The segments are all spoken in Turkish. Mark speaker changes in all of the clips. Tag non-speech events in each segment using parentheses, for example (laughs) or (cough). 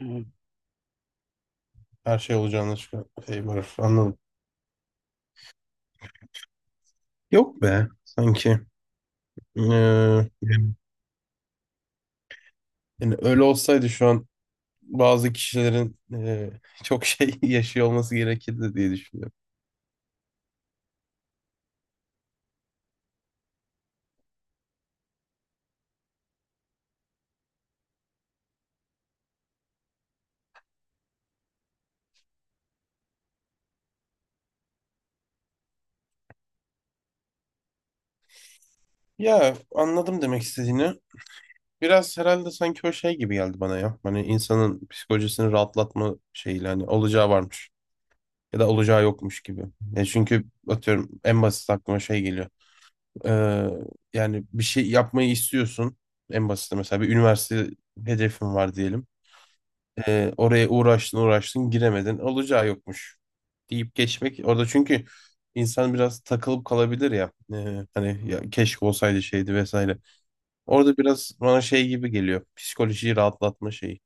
Speaker 1: Hı. Her şey olacağına çıkıyor. Favor. Anladım. Yok be. Sanki. Ee, Yani öyle olsaydı şu an bazı kişilerin çok şey (laughs) yaşıyor olması gerekirdi diye düşünüyorum. Ya anladım demek istediğini. Biraz herhalde sanki o şey gibi geldi bana ya. Hani insanın psikolojisini rahatlatma şeyiyle hani olacağı varmış ya da olacağı yokmuş gibi. E çünkü atıyorum en basit aklıma şey geliyor. Ee, Yani bir şey yapmayı istiyorsun. En basiti mesela bir üniversite hedefin var diyelim. Oraya uğraştın uğraştın giremedin. Olacağı yokmuş deyip geçmek. Orada çünkü insan biraz takılıp kalabilir ya. Hani ya keşke olsaydı şeydi vesaire. Orada biraz bana şey gibi geliyor. Psikolojiyi rahatlatma şeyi.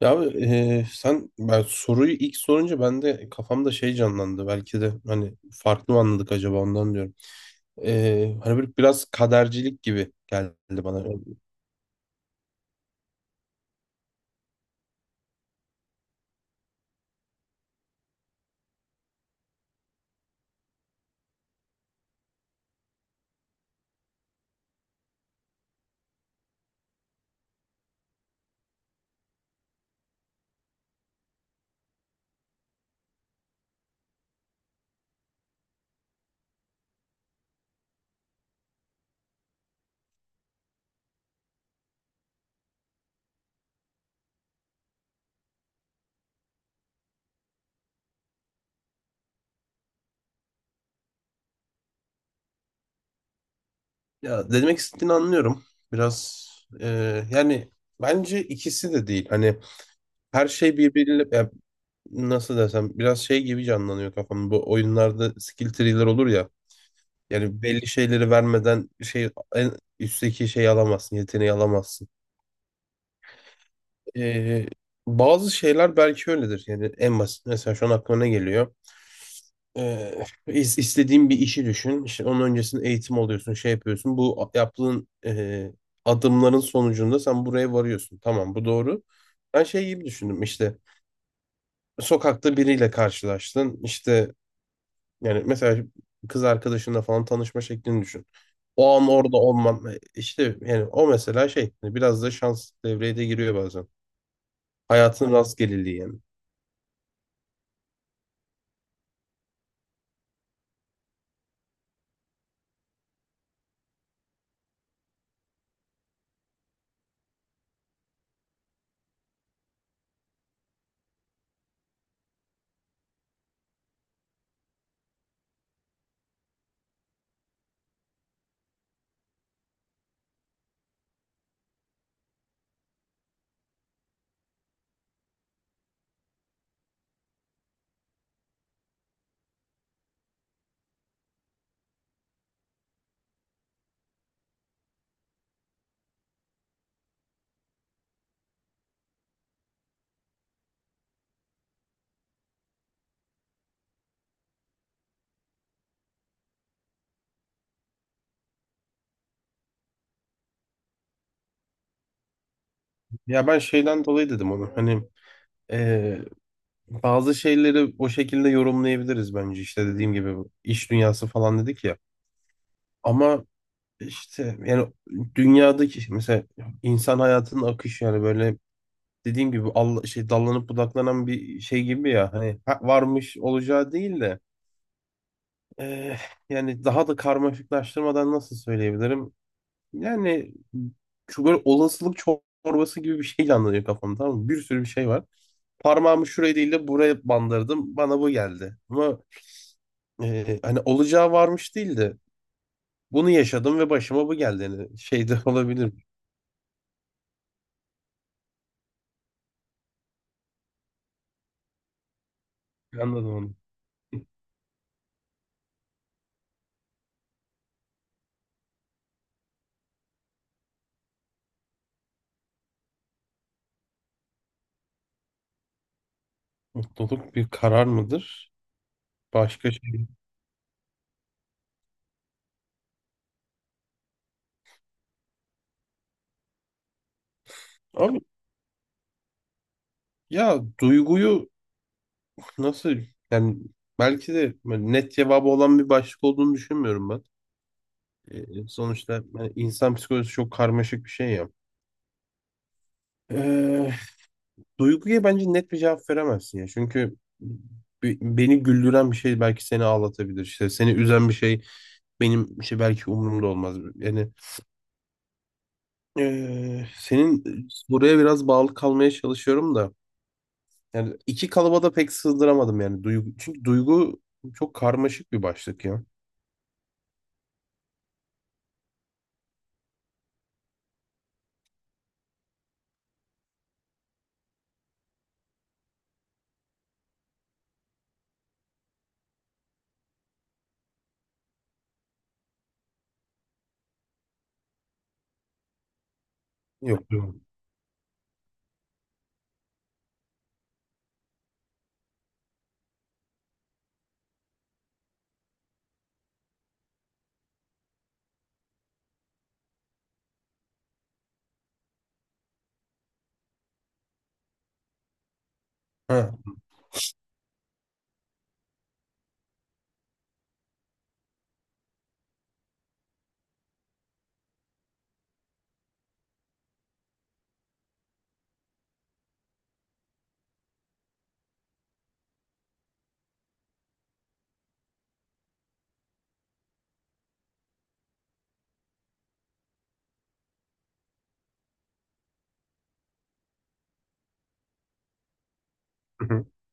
Speaker 1: Ya abi, sen ben soruyu ilk sorunca ben de kafamda şey canlandı. Belki de hani farklı mı anladık acaba ondan diyorum. Hani böyle biraz kadercilik gibi geldi bana. Ya ne demek istediğini anlıyorum. Biraz e, yani bence ikisi de değil. Hani her şey birbiriyle ya nasıl desem biraz şey gibi canlanıyor kafamda. Bu oyunlarda skill tree'ler olur ya. Yani belli şeyleri vermeden şey en üstteki şeyi alamazsın, yeteneği alamazsın. Ee, Bazı şeyler belki öyledir. Yani en basit mesela şu an aklıma ne geliyor? İstediğin bir işi düşün. İşte onun öncesinde eğitim alıyorsun, şey yapıyorsun. Yaptığın adımların sonucunda sen buraya varıyorsun. Tamam, bu doğru. Ben şey gibi düşündüm işte. Sokakta biriyle karşılaştın. İşte yani mesela kız arkadaşınla falan tanışma şeklini düşün. O an orada olman işte yani o mesela şey hani biraz da şans devreye de giriyor bazen. Hayatın rastgeleliği yani. Ya ben şeyden dolayı dedim onu. Hani bazı şeyleri o şekilde yorumlayabiliriz bence işte dediğim gibi bu iş dünyası falan dedik ya. Ama işte yani dünyadaki işte mesela insan hayatının akışı yani böyle dediğim gibi Allah, şey dallanıp budaklanan bir şey gibi ya hani varmış olacağı değil de eh, yani daha da karmaşıklaştırmadan nasıl söyleyebilirim? Yani şu böyle olasılık çorbası gibi bir şeyle anlatıyor kafamda, tamam mı? Bir sürü bir şey var. Parmağımı şuraya değil de buraya bandırdım. Bana bu geldi. Hani olacağı varmış değil de bunu yaşadım ve başıma bu geldi. Yani şey de (laughs) olabilir. Anladım onu. Mutluluk bir karar mıdır? Başka şey. Abi ya duyguyu nasıl yani belki de böyle net cevabı olan bir başlık olduğunu düşünmüyorum ben. Sonuçta hani insan psikolojisi çok karmaşık bir şey ya. Ee, Duyguya bence net bir cevap veremezsin ya. Çünkü beni güldüren bir şey belki seni ağlatabilir. İşte seni üzen bir şey benim şey belki umurumda olmaz. Yani senin buraya biraz bağlı kalmaya çalışıyorum da. Yani iki kalıba da pek sığdıramadım yani duygu. Çünkü duygu çok karmaşık bir başlık ya. Yok duygu. Ha. (laughs)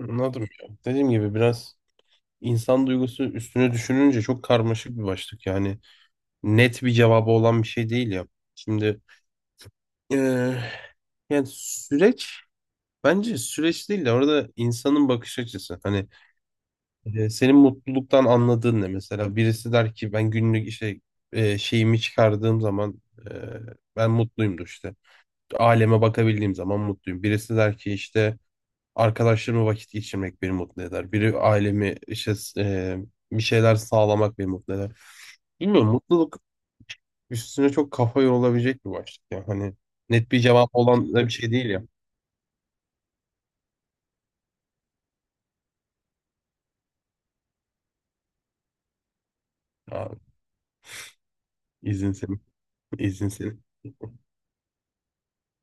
Speaker 1: Anladım ya. Dediğim gibi biraz insan duygusu üstüne düşününce çok karmaşık bir başlık. Yani net bir cevabı olan bir şey değil ya. Şimdi eee, yani süreç bence süreç değil de orada insanın bakış açısı. Hani senin mutluluktan anladığın ne mesela? Birisi der ki ben günlük işte şeyimi çıkardığım zaman e, ben mutluyumdur işte. Aleme bakabildiğim zaman mutluyum. Birisi der ki işte arkadaşlarımla vakit geçirmek beni mutlu eder. Biri ailemi işte e, bir şeyler sağlamak beni mutlu eder. Bilmiyorum, mutluluk üstüne çok kafa yorulabilecek bir başlık. Yani hani net bir cevap olan da bir şey değil ya. Abi, izin senin. (laughs) İzin senin.